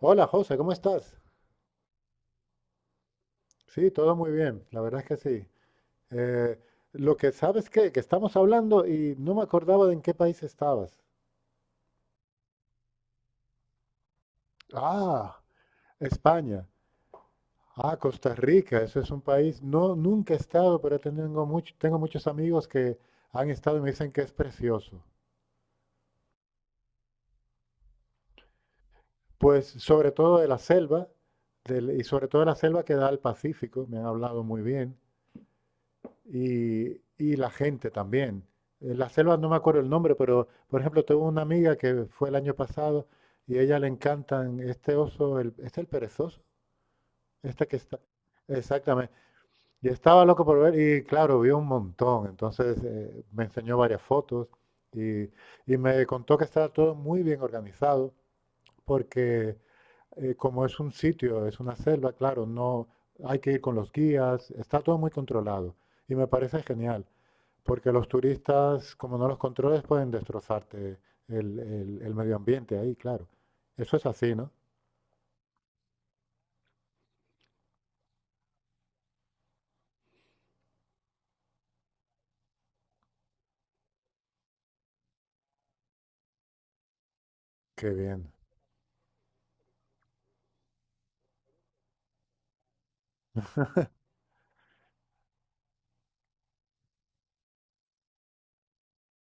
Hola José, ¿cómo estás? Sí, todo muy bien, la verdad es que sí. Eh, lo que sabes que estamos hablando y no me acordaba de en qué país estabas. Ah, España. Ah, Costa Rica, eso es un país. No, nunca he estado, pero tengo tengo muchos amigos que han estado y me dicen que es precioso. Pues sobre todo de la selva, y sobre todo de la selva que da al Pacífico, me han hablado muy bien. y, y la gente también. La selva no me acuerdo el nombre, pero por ejemplo, tengo una amiga que fue el año pasado y a ella le encantan este oso, el, el perezoso, este que está. Exactamente. Y estaba loco por ver y claro, vio un montón. Entonces me enseñó varias fotos y, y me contó que estaba todo muy bien organizado porque como es un sitio, es una selva, claro, no hay que ir con los guías, está todo muy controlado y me parece genial. Porque los turistas, como no los controles, pueden destrozarte el medio ambiente ahí, claro. Eso es así, ¿no? Qué bien.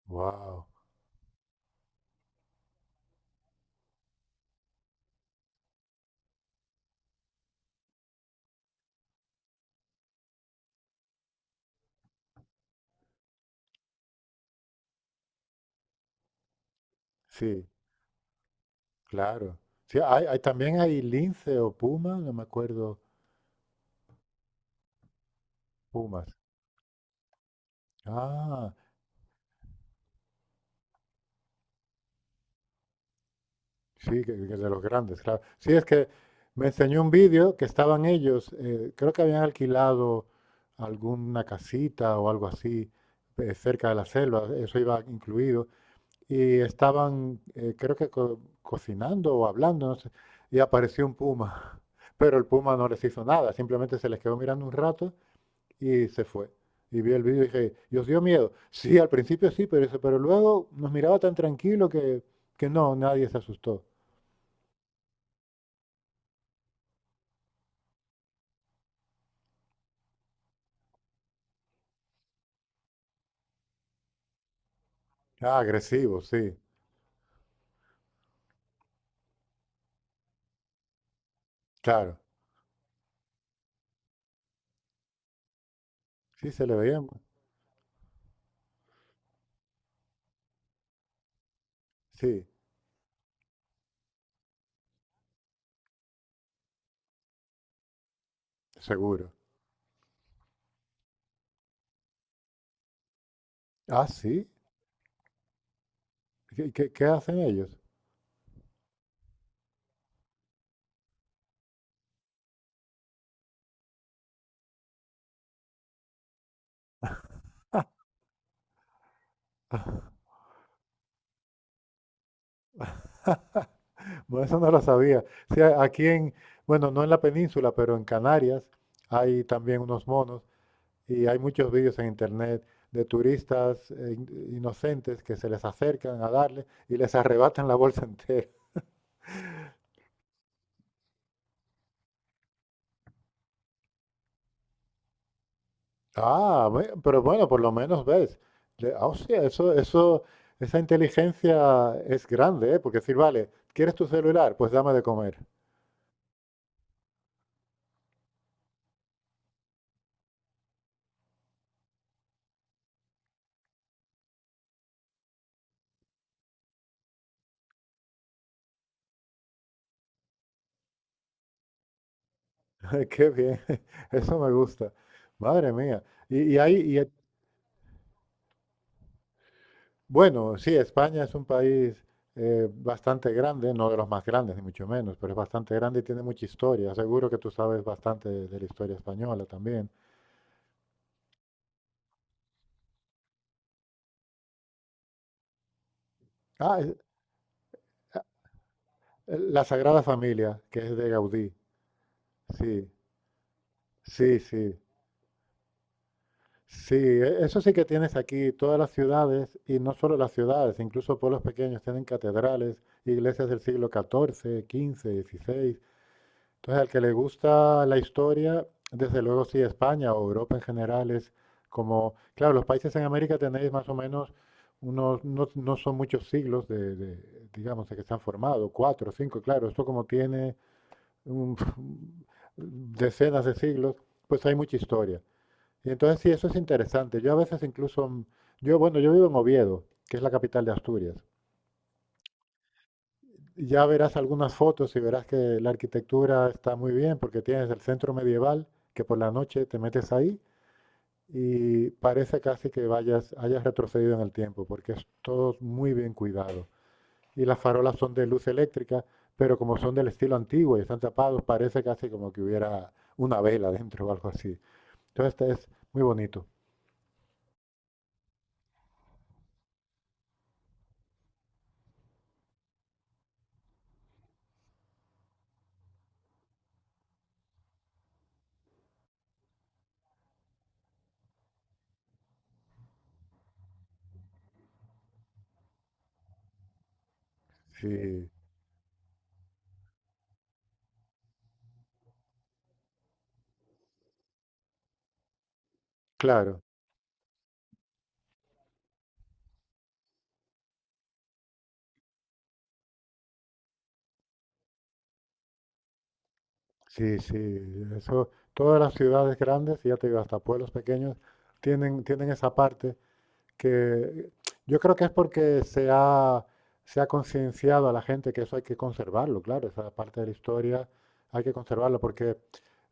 Wow. Sí, claro. Sí, también hay lince o puma, no me acuerdo. Pumas. Ah, sí, que de los grandes, claro. Sí, es que me enseñó un vídeo que estaban ellos, creo que habían alquilado alguna casita o algo así, cerca de la selva, eso iba incluido, y estaban, creo que cocinando o hablando, no sé, y apareció un puma. Pero el puma no les hizo nada, simplemente se les quedó mirando un rato y se fue. Y vi el vídeo y dije, ¿y os dio miedo? Sí, al principio sí, pero, dice, pero luego nos miraba tan tranquilo que no, nadie se asustó. Ah, agresivo, sí, claro. Sí, se le veía. Sí, seguro. Ah, sí. ¿Qué, qué hacen ellos? Bueno, eso no lo sabía. Sí, aquí en, bueno, no en la península, pero en Canarias hay también unos monos y hay muchos vídeos en internet de turistas inocentes que se les acercan a darle y les arrebatan la bolsa entera. Ah, pero bueno, por lo menos ves. Ah, hostia, eso, esa inteligencia es grande, ¿eh? Porque decir, vale, ¿quieres tu celular? Pues dame de comer. Qué bien, eso me gusta. Madre mía. Y hay. Bueno, sí, España es un país bastante grande, no de los más grandes, ni mucho menos, pero es bastante grande y tiene mucha historia. Seguro que tú sabes bastante de la historia española también. Ah, la Sagrada Familia, que es de Gaudí. Sí, sí, sí. Sí, eso sí que tienes aquí, todas las ciudades, y no solo las ciudades, incluso pueblos pequeños tienen catedrales, iglesias del siglo XIV, XV, XVI. Entonces, al que le gusta la historia, desde luego sí, España o Europa en general es como, claro, los países en América tenéis más o menos unos, no, no son muchos siglos digamos, de que se han formado, cuatro, cinco, claro, esto como tiene un- decenas de siglos, pues hay mucha historia. Y entonces sí, eso es interesante. Yo a veces incluso, yo, bueno, yo vivo en Oviedo, que es la capital de Asturias. Ya verás algunas fotos y verás que la arquitectura está muy bien porque tienes el centro medieval que por la noche te metes ahí y parece casi que vayas, hayas retrocedido en el tiempo porque es todo muy bien cuidado. Y las farolas son de luz eléctrica, pero como son del estilo antiguo y están tapados, parece casi como que hubiera una vela dentro o algo así. Entonces este es muy bonito. Sí, claro. Sí, sí. Eso, todas las ciudades grandes, y ya te digo, hasta pueblos pequeños, tienen esa parte que yo creo que es porque se ha concienciado a la gente que eso hay que conservarlo, claro, esa parte de la historia hay que conservarlo, porque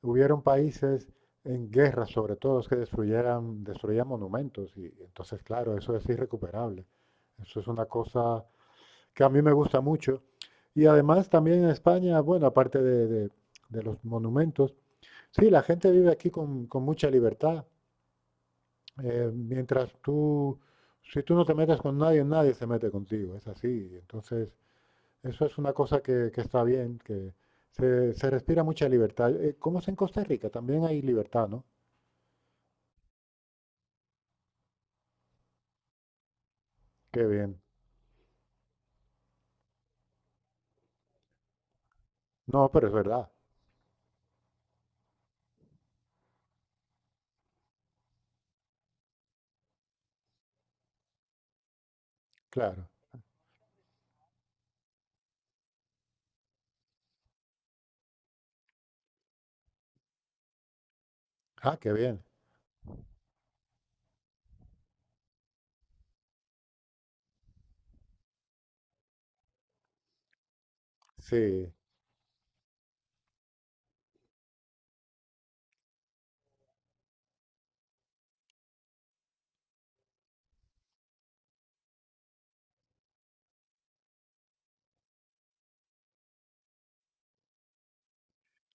hubieron países en guerra, sobre todo, que destruían monumentos, y entonces, claro, eso es irrecuperable. Eso es una cosa que a mí me gusta mucho. Y además también en España, bueno, aparte de los monumentos, sí, la gente vive aquí con mucha libertad. Mientras tú, si tú no te metes con nadie, nadie se mete contigo, es así. Entonces, eso es una cosa que está bien, que se respira mucha libertad. ¿Cómo es en Costa Rica? También hay libertad, ¿no? Qué bien. No, pero es verdad, claro. Ah, qué bien. Sí.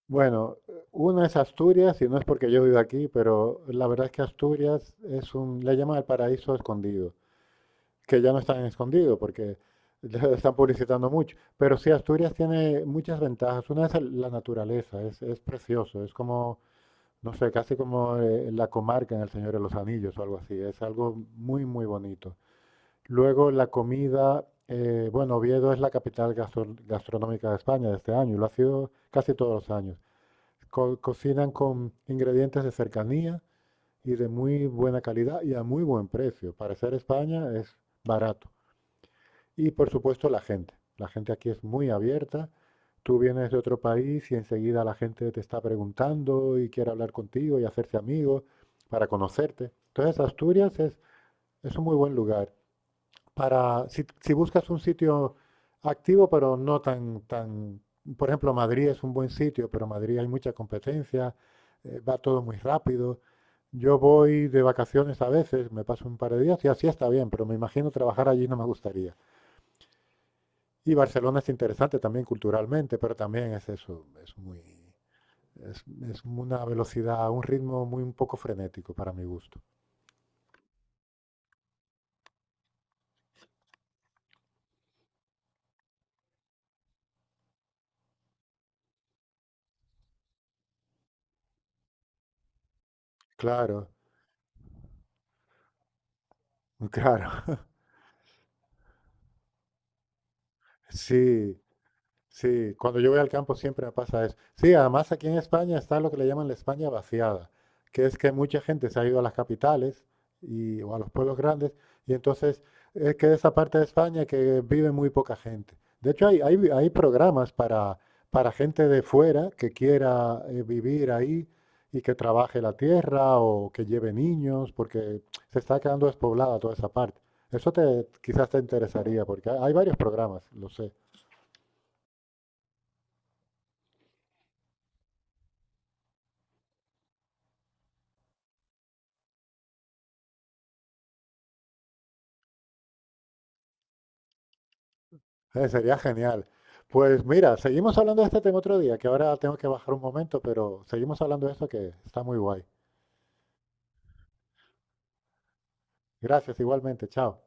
Bueno, una es Asturias, y no es porque yo vivo aquí, pero la verdad es que Asturias es un, le llaman el paraíso escondido. Que ya no están escondidos porque ya están publicitando mucho. Pero sí, Asturias tiene muchas ventajas. Una es la naturaleza, es precioso, es como, no sé, casi como la comarca en El Señor de los Anillos o algo así. Es algo muy, muy bonito. Luego la comida, bueno, Oviedo es la capital gastronómica de España de este año, y lo ha sido casi todos los años. Cocinan con ingredientes de cercanía y de muy buena calidad y a muy buen precio. Para ser España es barato. Y por supuesto la gente. La gente aquí es muy abierta. Tú vienes de otro país y enseguida la gente te está preguntando y quiere hablar contigo y hacerse amigo para conocerte. Entonces Asturias es un muy buen lugar para si, si buscas un sitio activo pero no tan tan, por ejemplo Madrid es un buen sitio pero en Madrid hay mucha competencia, va todo muy rápido, yo voy de vacaciones a veces me paso un par de días y así está bien pero me imagino trabajar allí no me gustaría. Y Barcelona es interesante también culturalmente, pero también es eso, es muy, es, es una velocidad, un ritmo muy un poco frenético para mi gusto. Claro, muy claro. Sí, sí, cuando yo voy al campo siempre me pasa eso. Sí, además aquí en España está lo que le llaman la España vaciada, que es que mucha gente se ha ido a las capitales y, o a los pueblos grandes, y entonces es que esa parte de España que vive muy poca gente. De hecho, hay programas para gente de fuera que quiera vivir ahí y que trabaje la tierra o que lleve niños, porque se está quedando despoblada toda esa parte. Eso te, quizás te interesaría, porque hay varios programas, lo sé. Sería genial. Pues mira, seguimos hablando de este tema otro día, que ahora tengo que bajar un momento, pero seguimos hablando de esto que está muy guay. Gracias, igualmente. Chao.